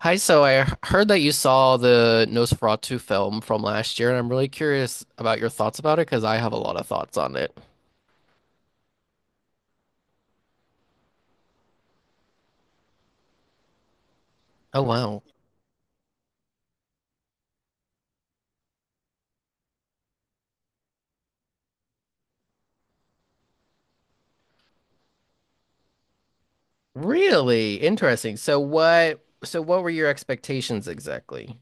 Hi, so I heard that you saw the Nosferatu film from last year, and I'm really curious about your thoughts about it because I have a lot of thoughts on it. Oh, wow. Really interesting. So what were your expectations exactly?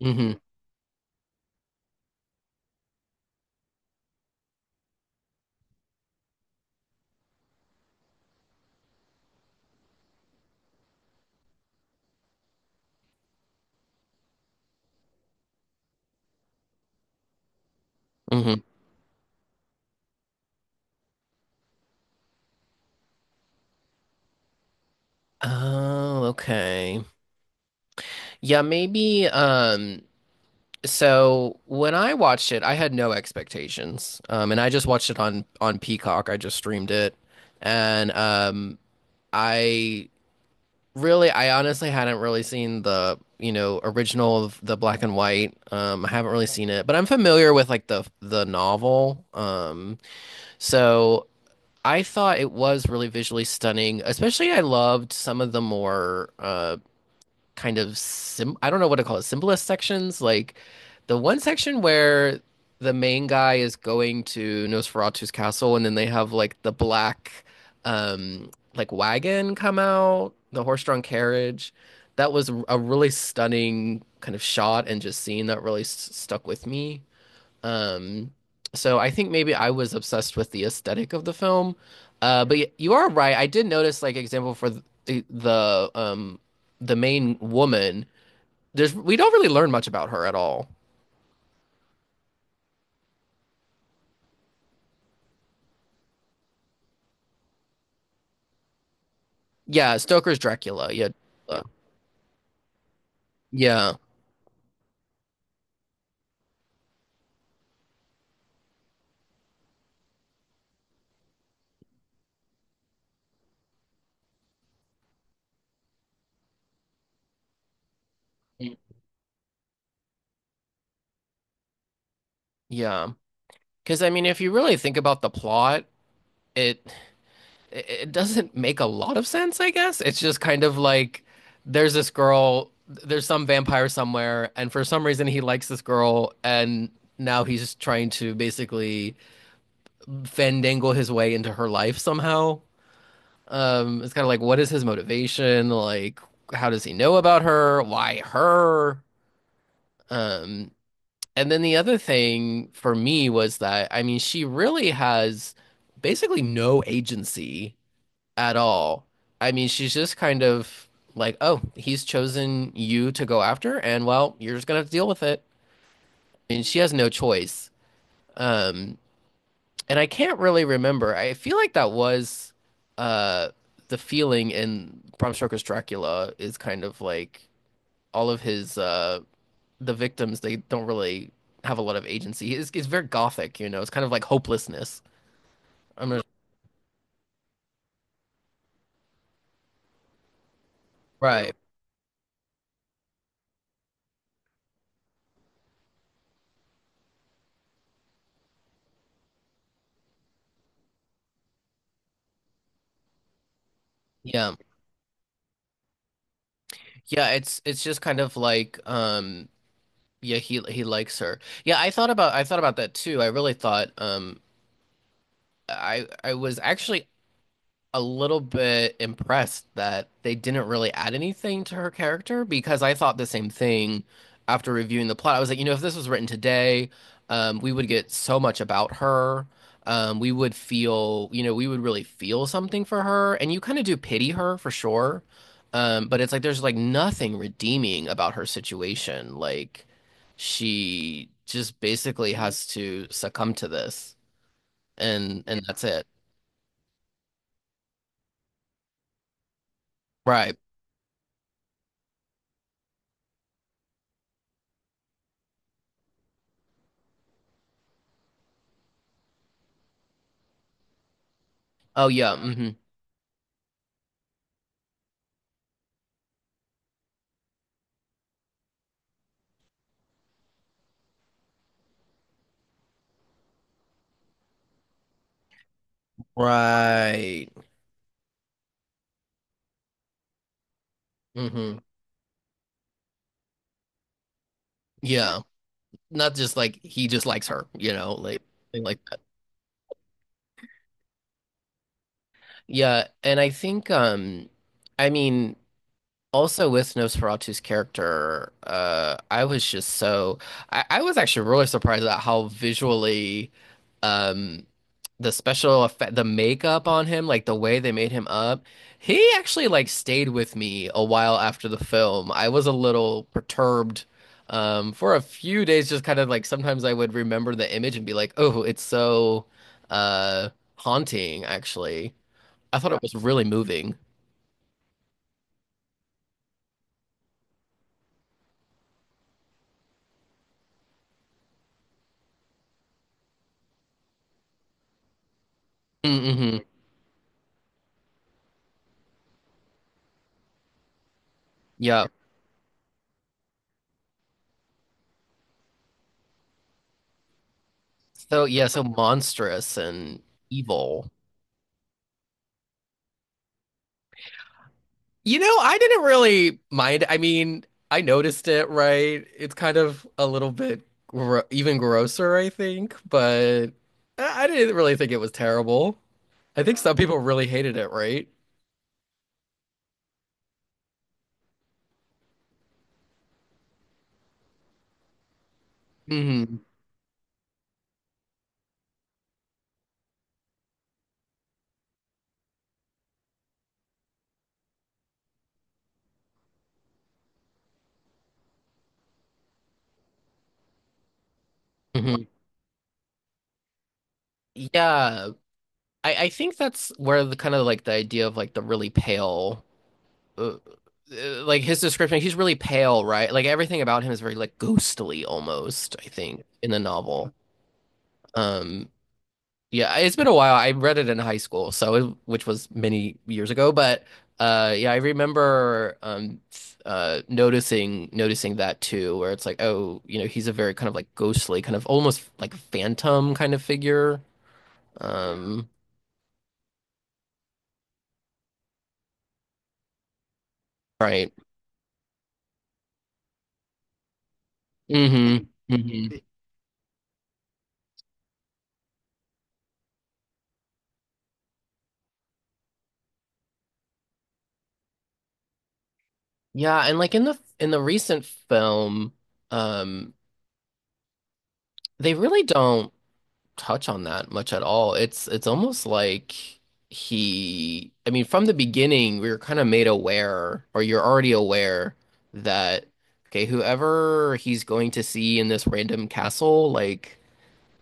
Hmm. Hmm. Oh, okay. Yeah, maybe so when I watched it, I had no expectations. And I just watched it on Peacock. I just streamed it. And I Really, I honestly hadn't really seen the, you know, original of the black and white. I haven't really seen it, but I'm familiar with like the novel. So I thought it was really visually stunning. Especially, I loved some of the more, kind of sim I don't know what to call it, simplest sections. Like the one section where the main guy is going to Nosferatu's castle and then they have like the black like wagon come out, the horse-drawn carriage. That was a really stunning kind of shot and just scene that really s stuck with me. Um, so I think maybe I was obsessed with the aesthetic of the film. But you are right. I did notice, like, example for the, the um the main woman. There's we don't really learn much about her at all. Yeah, Stoker's Dracula. Yeah. Uh, yeah, yeah. Because I mean, if you really think about the plot, it it doesn't make a lot of sense, I guess. It's just kind of like there's this girl, there's some vampire somewhere, and for some reason he likes this girl, and now he's trying to basically fandangle his way into her life somehow. It's kind of like, what is his motivation? Like, how does he know about her? Why her? Um, and then the other thing for me was that, I mean, she really has basically no agency at all. I mean, she's just kind of like, oh, he's chosen you to go after, and well, you're just gonna have to deal with it. And she has no choice. Um, and I can't really remember. I feel like that was uh the feeling in Bram Stoker's Dracula is kind of like all of his the victims, they don't really have a lot of agency. It's very gothic, It's kind of like hopelessness. I'm not Yeah. Right. Yeah. Yeah, it's just kind of like yeah, he likes her. Yeah, I thought about that too. I really thought. I was actually a little bit impressed that they didn't really add anything to her character because I thought the same thing after reviewing the plot. I was like, you know, if this was written today, we would get so much about her. We would feel, you know, we would really feel something for her, and you kind of do pity her for sure. But it's like there's like nothing redeeming about her situation. Like she just basically has to succumb to this, and that's it. Right. Oh yeah. Mhm. Right. Hmm. Yeah. Not just like he just likes her, you know, like thing like that. Yeah, and I think I mean also with Nosferatu's character, I was just so I was actually really surprised at how visually um the special effect the makeup on him, like the way they made him up, he actually like stayed with me a while after the film. I was a little perturbed for a few days, just kind of like sometimes I would remember the image and be like, oh, it's so uh haunting actually. I thought it was really moving. Mm-hmm. Yeah. So yeah, so monstrous and evil. You know, I didn't really mind. I mean, I noticed it, right? It's kind of a little bit gro even grosser, I think, but I didn't really think it was terrible. I think some people really hated it, right? Hmm. Hmm. Yeah, I think that's where the kind of like the idea of like the really pale, uh, like his description. He's really pale, right? Like everything about him is very like ghostly almost, I think, in the novel. Um, yeah, it's been a while. I read it in high school, so it, which was many years ago, but yeah, I remember noticing that too, where it's like, oh, you know, he's a very kind of like ghostly, kind of almost like phantom kind of figure. Um, right. Mm-hmm. Mm-hmm. Yeah, and like in the recent film, um, they really don't touch on that much at all. It's almost like I mean, from the beginning, we were kind of made aware, or you're already aware that okay, whoever he's going to see in this random castle, like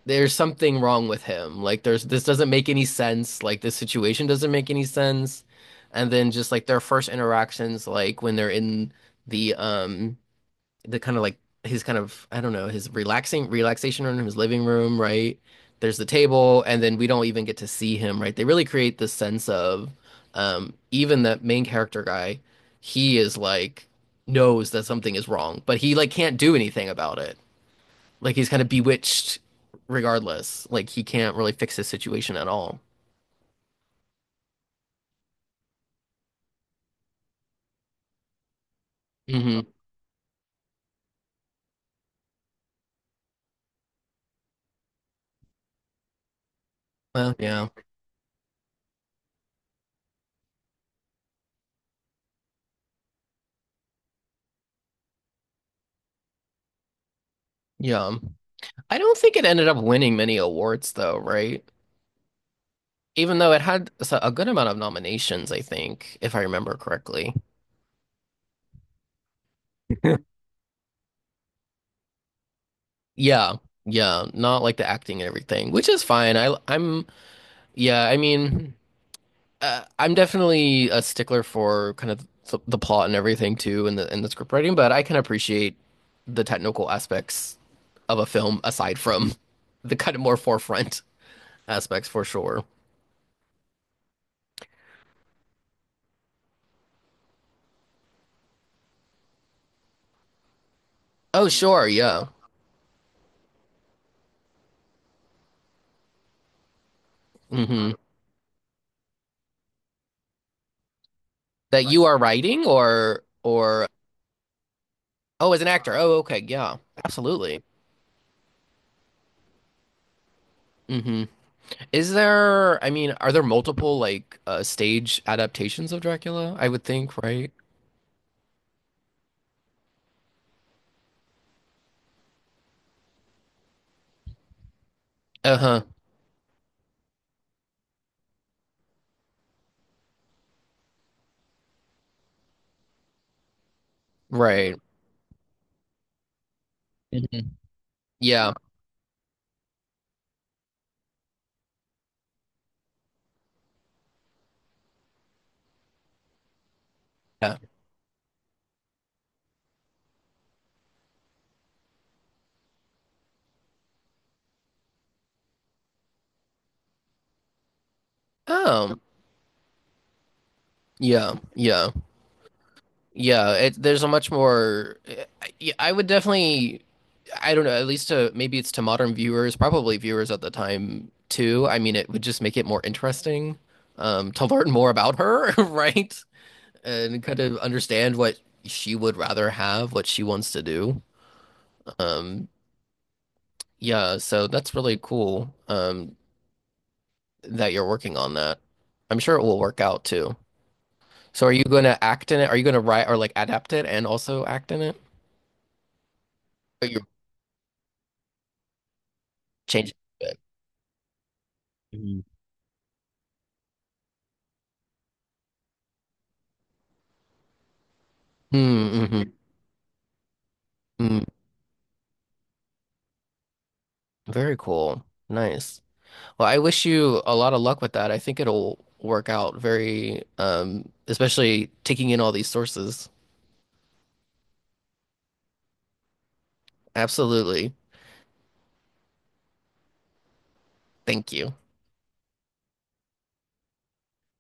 there's something wrong with him. Like there's this doesn't make any sense. Like this situation doesn't make any sense. And then just like their first interactions, like when they're in the um the kind of like his kind of I don't know his relaxing relaxation room, his living room, right? There's the table, and then we don't even get to see him, right? They really create this sense of even that main character guy, he is like knows that something is wrong, but he like can't do anything about it. Like he's kind of bewitched regardless. Like he can't really fix his situation at all. Hmm. Well, yeah. Yeah. I don't think it ended up winning many awards though, right? Even though it had a good amount of nominations, I think, if I remember correctly. Yeah, yeah, not like the acting and everything, which is fine. I I'm yeah, I mean, I'm definitely a stickler for kind of the plot and everything too, and the script writing, but I can appreciate the technical aspects of a film aside from the kind of more forefront aspects for sure. Oh, sure, yeah. Hmm. That you are writing or oh, as an actor. Oh, okay, yeah, absolutely. Hmm. Is there, I mean, are there multiple like stage adaptations of Dracula? I would think, right? Uh-huh. Right. Hmm. Yeah. Yeah. Um, yeah, yeah. Yeah, there's a much more yeah, I would definitely I don't know, at least to maybe it's to modern viewers, probably viewers at the time too. I mean, it would just make it more interesting to learn more about her, right? And kind of understand what she would rather have, what she wants to do. Um, Yeah, so that's really cool that you're working on that. I'm sure it will work out too. So are you going to act in it? Are you going to write or like adapt it and also act in it? Or you're changing it. Mhm. Mm-hmm. Mm, very cool. Nice. Well, I wish you a lot of luck with that. I think it'll work out very especially taking in all these sources. Absolutely. Thank you.